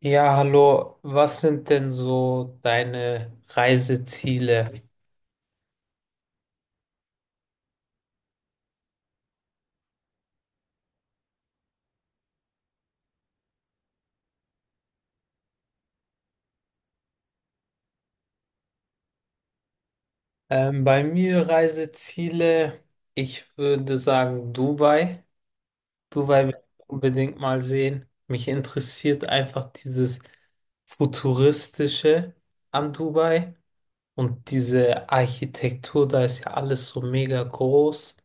Ja, hallo. Was sind denn so deine Reiseziele? Bei mir Reiseziele, ich würde sagen Dubai. Dubai will ich unbedingt mal sehen. Mich interessiert einfach dieses Futuristische an Dubai und diese Architektur, da ist ja alles so mega groß.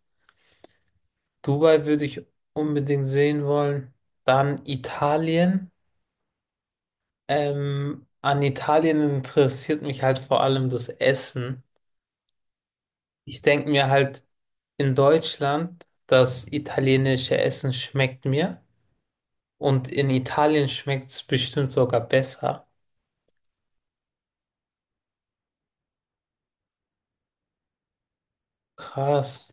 Dubai würde ich unbedingt sehen wollen. Dann Italien. An Italien interessiert mich halt vor allem das Essen. Ich denke mir halt, in Deutschland, das italienische Essen schmeckt mir und in Italien schmeckt es bestimmt sogar besser. Krass.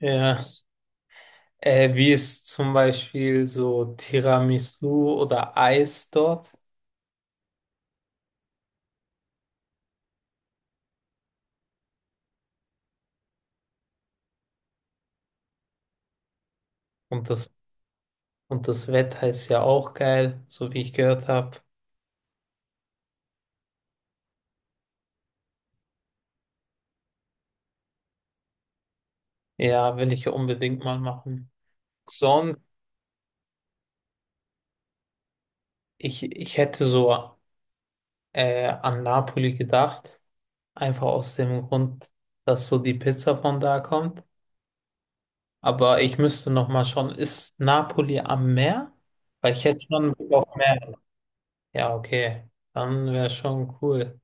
Ja. Wie ist zum Beispiel so Tiramisu oder Eis dort? Und das, und das Wetter ist ja auch geil, so wie ich gehört habe. Ja, will ich unbedingt mal machen. Sonst, ich hätte so. An Napoli gedacht. Einfach aus dem Grund, dass so die Pizza von da kommt. Aber ich müsste noch mal schauen, ist Napoli am Meer? Weil ich hätte schon Bock auf Meer. Ja, okay. Dann wäre schon cool.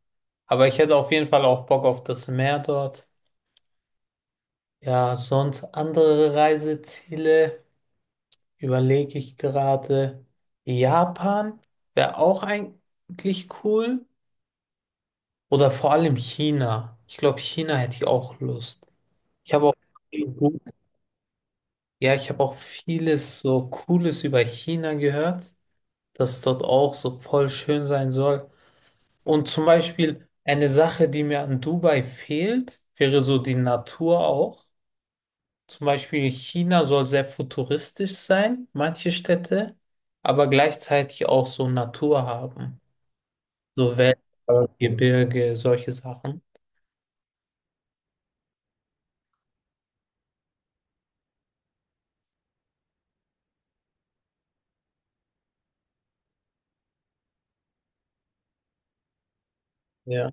Aber ich hätte auf jeden Fall auch Bock auf das Meer dort. Ja, sonst andere Reiseziele überlege ich gerade. Japan wäre auch eigentlich cool. Oder vor allem China. Ich glaube, China hätte ich auch Lust. Ich habe auch, ja, ich habe auch vieles so Cooles über China gehört, dass dort auch so voll schön sein soll. Und zum Beispiel eine Sache, die mir an Dubai fehlt, wäre so die Natur auch. Zum Beispiel China soll sehr futuristisch sein, manche Städte, aber gleichzeitig auch so Natur haben. So Wälder, Gebirge, solche Sachen. Ja.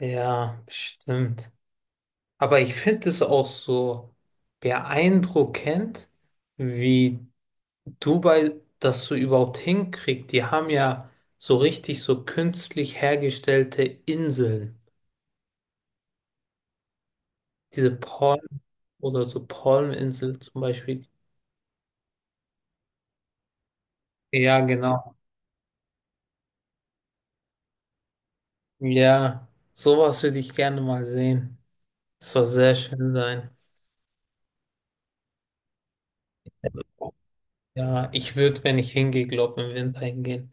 Ja, stimmt. Aber ich finde es auch so beeindruckend, wie Dubai das so überhaupt hinkriegt. Die haben ja so richtig so künstlich hergestellte Inseln. Diese Palm oder so Palminsel zum Beispiel. Ja, genau. Ja, sowas würde ich gerne mal sehen. Das soll sehr schön sein. Ja, ich würde, wenn ich hingehe, glaube im Winter hingehen.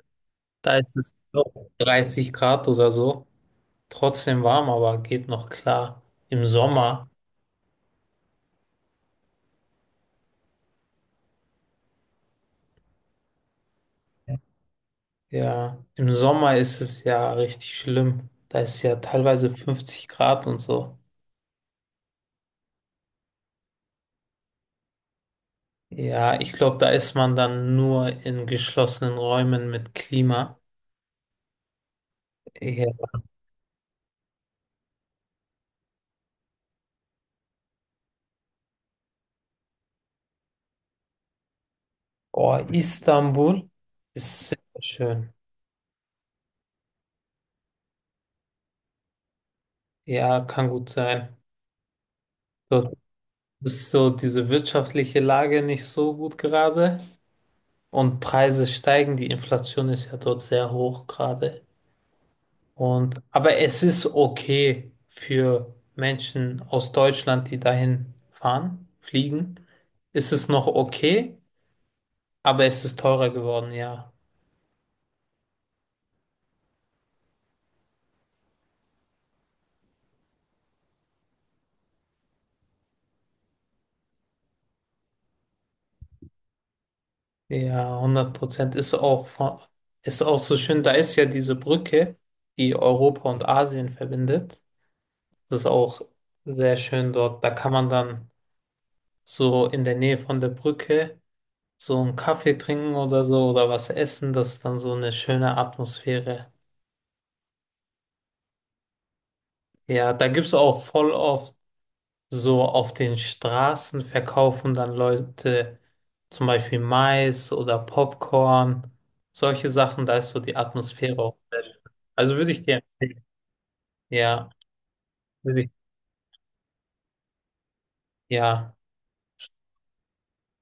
Da ist es glaub, 30 Grad oder so. Trotzdem warm, aber geht noch klar. Im Sommer, ja, im Sommer ist es ja richtig schlimm. Da ist ja teilweise 50 Grad und so. Ja, ich glaube, da ist man dann nur in geschlossenen Räumen mit Klima. Ja. Oh, Istanbul ist sehr schön. Ja, kann gut sein. Dort ist so diese wirtschaftliche Lage nicht so gut gerade und Preise steigen. Die Inflation ist ja dort sehr hoch gerade. Und, aber es ist okay für Menschen aus Deutschland, die dahin fahren, fliegen. Ist es noch okay, aber es ist teurer geworden, ja. Ja, 100% ist auch, von- ist auch so schön. Da ist ja diese Brücke, die Europa und Asien verbindet. Das ist auch sehr schön dort. Da kann man dann so in der Nähe von der Brücke so einen Kaffee trinken oder so oder was essen. Das ist dann so eine schöne Atmosphäre. Ja, da gibt es auch voll oft so auf den Straßen verkaufen dann Leute zum Beispiel Mais oder Popcorn, solche Sachen, da ist so die Atmosphäre auch sehr schön. Also würde ich dir empfehlen. Ja, würde ich, ja,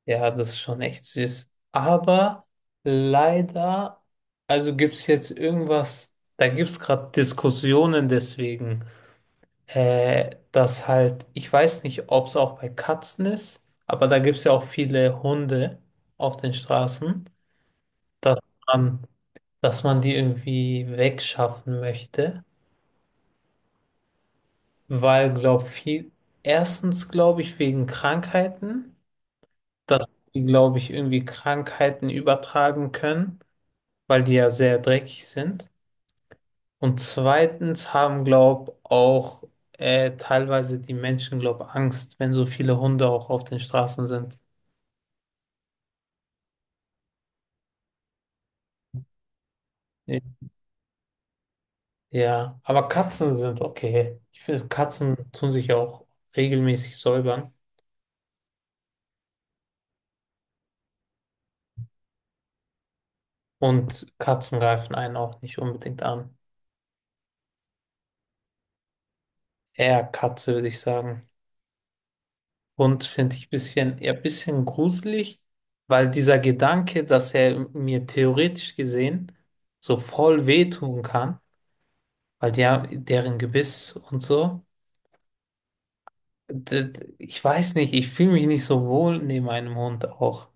ja, das ist schon echt süß. Aber leider, also gibt es jetzt irgendwas, da gibt es gerade Diskussionen deswegen. Dass halt, ich weiß nicht, ob es auch bei Katzen ist, aber da gibt es ja auch viele Hunde auf den Straßen, dass man, dass man die irgendwie wegschaffen möchte, weil, glaube viel, erstens glaube ich wegen Krankheiten, dass die, glaube ich, irgendwie Krankheiten übertragen können, weil die ja sehr dreckig sind. Und zweitens haben, glaub, auch teilweise die Menschen, glaub, Angst, wenn so viele Hunde auch auf den Straßen sind. Ja, ja, aber Katzen sind okay. Ich finde, Katzen tun sich ja auch regelmäßig säubern und Katzen greifen einen auch nicht unbedingt an. Eher Katze, würde ich sagen. Hund finde ich bisschen, eher ein bisschen gruselig, weil dieser Gedanke, dass er mir theoretisch gesehen so voll wehtun kann, weil der, deren Gebiss und so. Ich weiß nicht, ich fühle mich nicht so wohl neben einem Hund auch.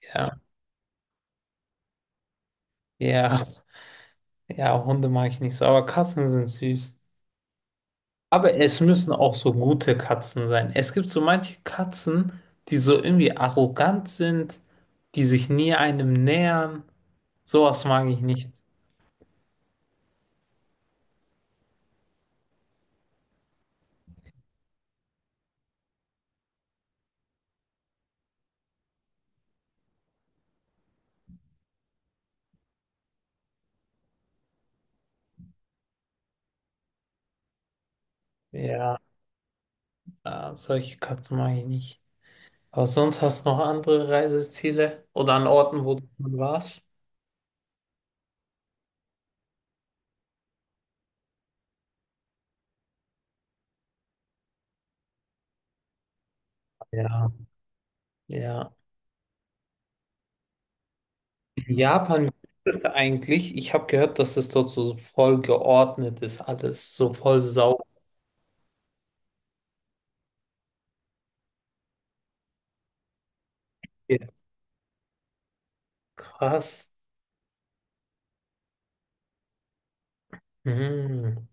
Ja, ja, ja, Hunde mag ich nicht so, aber Katzen sind süß. Aber es müssen auch so gute Katzen sein. Es gibt so manche Katzen, die so irgendwie arrogant sind, die sich nie einem nähern. Sowas mag ich nicht. Ja, solche Katzen mag ich nicht. Aber sonst hast du noch andere Reiseziele oder an Orten, wo du schon warst? Ja, ja. Japan, wie ist es eigentlich? Ich habe gehört, dass es dort so voll geordnet ist, alles so voll sauber. Krass. Mhm.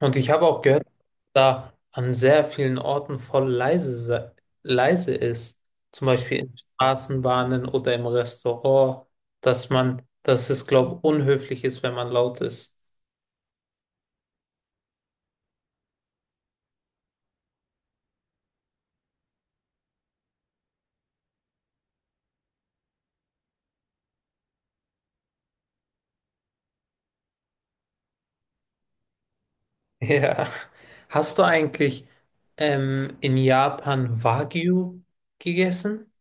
Und ich habe auch gehört, da an sehr vielen Orten voll leise ist. Zum Beispiel in Straßenbahnen oder im Restaurant, dass man, dass es, glaube ich, unhöflich ist, wenn man laut ist. Ja. Hast du eigentlich in Japan Wagyu gegessen?